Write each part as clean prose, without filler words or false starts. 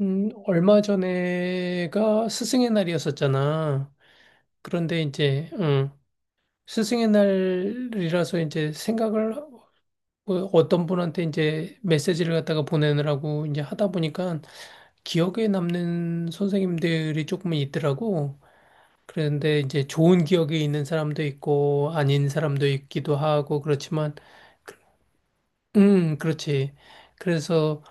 얼마 전에가 스승의 날이었었잖아. 그런데 이제, 스승의 날이라서 이제 생각을 어떤 분한테 이제 메시지를 갖다가 보내느라고 이제 하다 보니까 기억에 남는 선생님들이 조금은 있더라고. 그런데 이제 좋은 기억이 있는 사람도 있고 아닌 사람도 있기도 하고 그렇지만, 그렇지. 그래서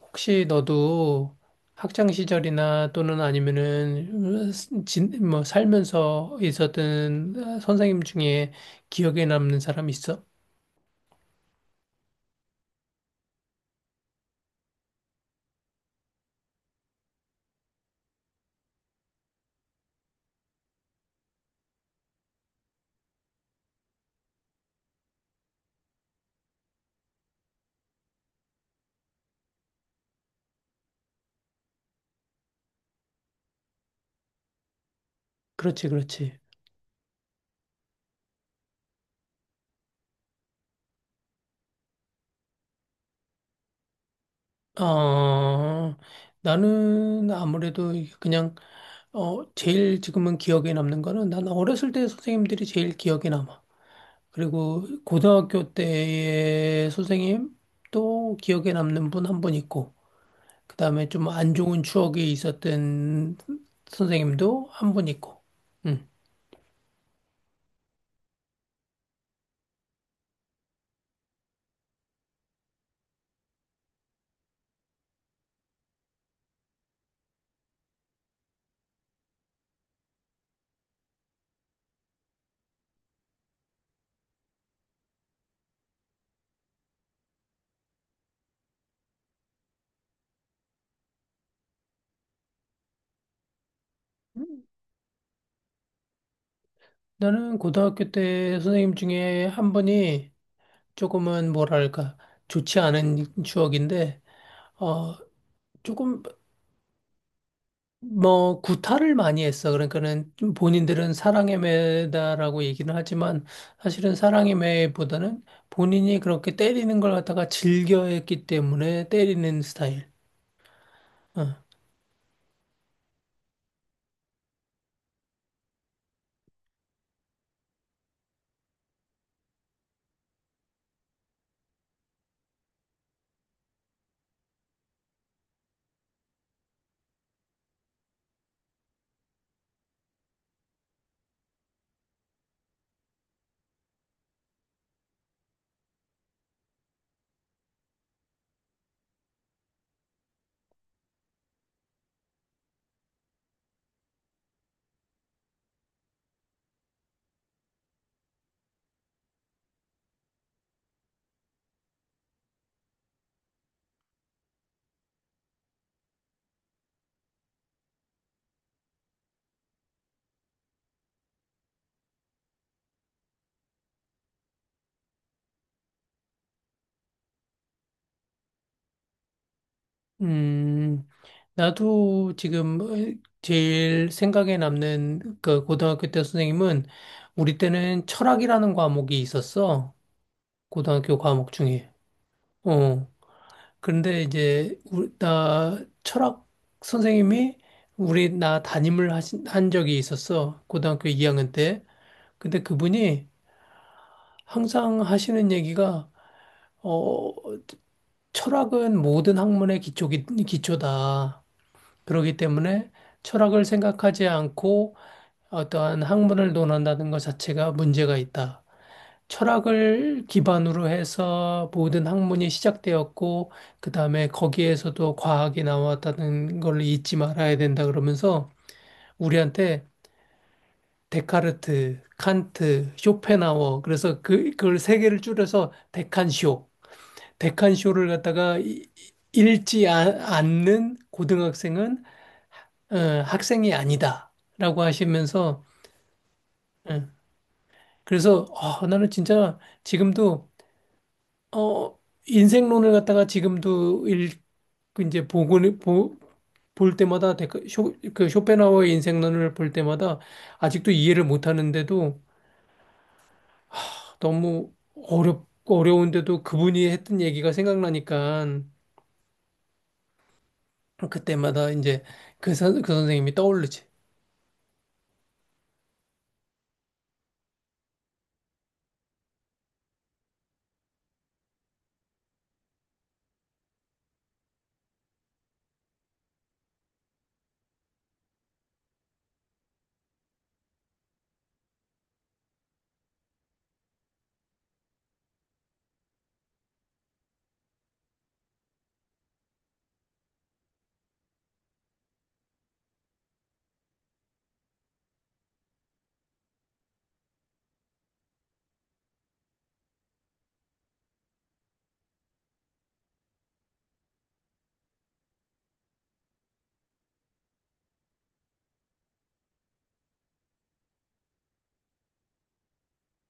혹시 너도 학창 시절이나 또는 아니면은 뭐 살면서 있었던 선생님 중에 기억에 남는 사람 있어? 그렇지, 그렇지. 어, 나는 아무래도 그냥 제일 지금은 기억에 남는 거는 난 어렸을 때 선생님들이 제일 기억에 남아. 그리고 고등학교 때의 선생님 또 기억에 남는 분 한 분 있고. 그다음에 좀 안 좋은 추억이 있었던 선생님도 한 분 있고. 음. 음. 나는 고등학교 때 선생님 중에 한 분이 조금은 뭐랄까 좋지 않은 추억인데 어 조금 뭐 구타를 많이 했어. 그러니까는 좀 본인들은 사랑의 매다라고 얘기는 하지만 사실은 사랑의 매보다는 본인이 그렇게 때리는 걸 갖다가 즐겨했기 때문에 때리는 스타일. 어. 음, 나도 지금 제일 생각에 남는 그 고등학교 때 선생님은 우리 때는 철학이라는 과목이 있었어. 고등학교 과목 중에. 어. 그런데 이제 나 철학 선생님이 우리 나 한 적이 있었어. 고등학교 2학년 때. 근데 그분이 항상 하시는 얘기가 어, 철학은 모든 학문의 기초다. 그렇기 때문에 철학을 생각하지 않고 어떠한 학문을 논한다는 것 자체가 문제가 있다. 철학을 기반으로 해서 모든 학문이 시작되었고, 그 다음에 거기에서도 과학이 나왔다는 걸 잊지 말아야 된다 그러면서 우리한테 데카르트, 칸트, 쇼펜하워, 그래서 그걸 세 개를 줄여서 데칸쇼, 데칸쇼를 갖다가 이- 읽지 않는 고등학생은 학생이 아니다라고 하시면서 예. 그래서 아, 나는 진짜 지금도 어, 인생론을 갖다가 지금도 읽 그 이제 볼 때마다 그 쇼펜하우어의 인생론을 볼 때마다 아직도 이해를 못 하는데도 너무 어렵 어려운데도 그분이 했던 얘기가 생각나니까 그때마다 이제 그 선생님이 떠오르지.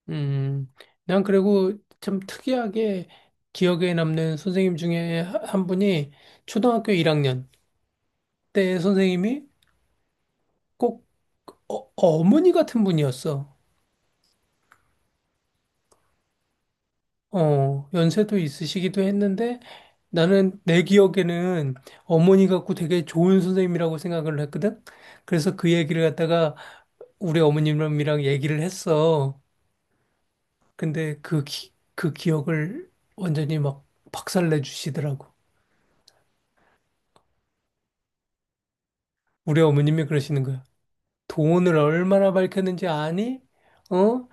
음, 난 그리고 참 특이하게 기억에 남는 선생님 중에 한 분이 초등학교 1학년 때 선생님이 꼭 어머니 같은 분이었어. 어, 연세도 있으시기도 했는데 나는 내 기억에는 어머니 같고 되게 좋은 선생님이라고 생각을 했거든. 그래서 그 얘기를 갖다가 우리 어머님이랑 얘기를 했어. 근데 그 기억을 완전히 막 박살내 주시더라고. 우리 어머님이 그러시는 거야. 돈을 얼마나 밝혔는지 아니? 어?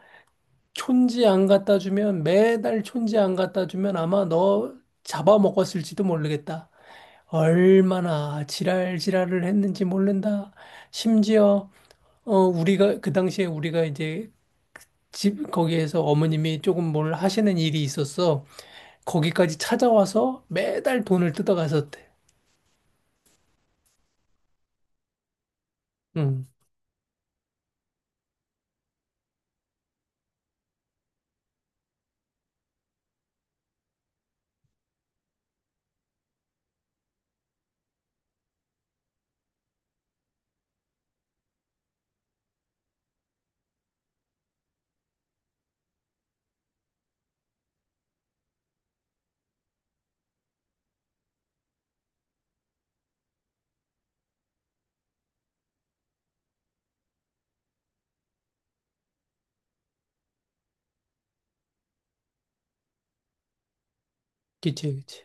촌지 안 갖다 주면 매달 촌지 안 갖다 주면 아마 너 잡아먹었을지도 모르겠다. 얼마나 지랄지랄을 했는지 모른다. 심지어 우리가 그 당시에 우리가 이제 집 거기에서 어머님이 조금 뭘 하시는 일이 있었어. 거기까지 찾아와서 매달 돈을 뜯어갔었대. 응, 그치, 그치.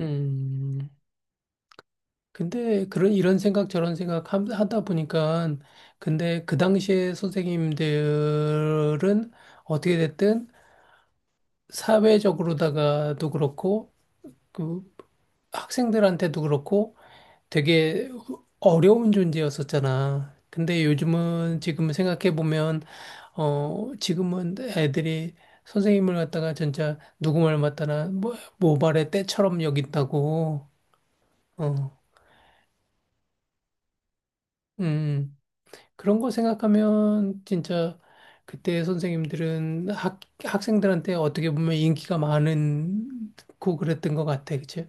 음. 근데 그런 이런 생각 저런 생각 하다 보니까 근데 그 당시에 선생님들은 어떻게 됐든 사회적으로다가도 그렇고 그 학생들한테도 그렇고 되게 어려운 존재였었잖아. 근데 요즘은 지금 생각해 보면 지금은 애들이 선생님을 갖다가 진짜 누구 말 맞다나 뭐 모발의 때처럼 여긴다고. 어. 음. 그런 거 생각하면 진짜 그때 선생님들은 학생들한테 어떻게 보면 인기가 많은 고 그랬던 것 같아, 그치?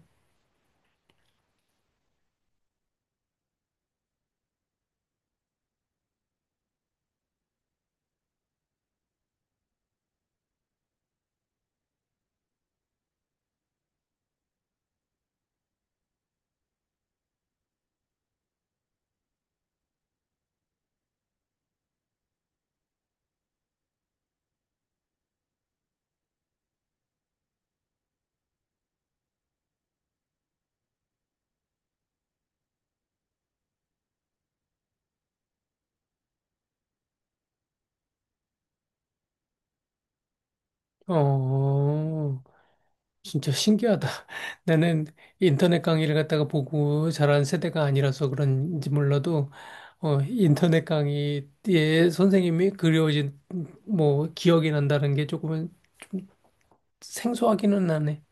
어, 진짜 신기하다. 나는 인터넷 강의를 갖다가 보고 자란 세대가 아니라서 그런지 몰라도, 어, 인터넷 강의에 선생님이 그리워진, 뭐, 기억이 난다는 게 조금은 생소하기는 하네.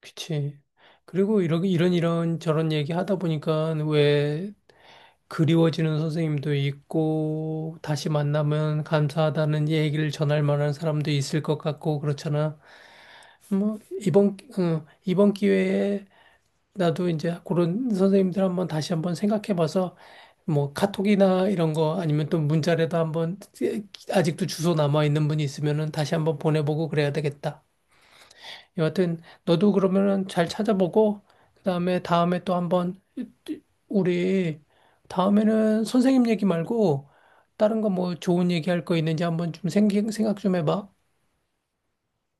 그치. 그리고 이런 저런 얘기 하다 보니까 왜 그리워지는 선생님도 있고, 다시 만나면 감사하다는 얘기를 전할 만한 사람도 있을 것 같고, 그렇잖아. 뭐, 이번 기회에 나도 이제 그런 선생님들 한번 다시 한번 생각해 봐서, 뭐, 카톡이나 이런 거 아니면 또 문자라도 한번, 아직도 주소 남아 있는 분이 있으면은 다시 한번 보내보고 그래야 되겠다. 여하튼 너도 그러면은 잘 찾아보고 그다음에 다음에 또 한번 우리 다음에는 선생님 얘기 말고 다른 거 뭐 좋은 얘기 할 거 있는지 한번 좀 생각 좀 해봐.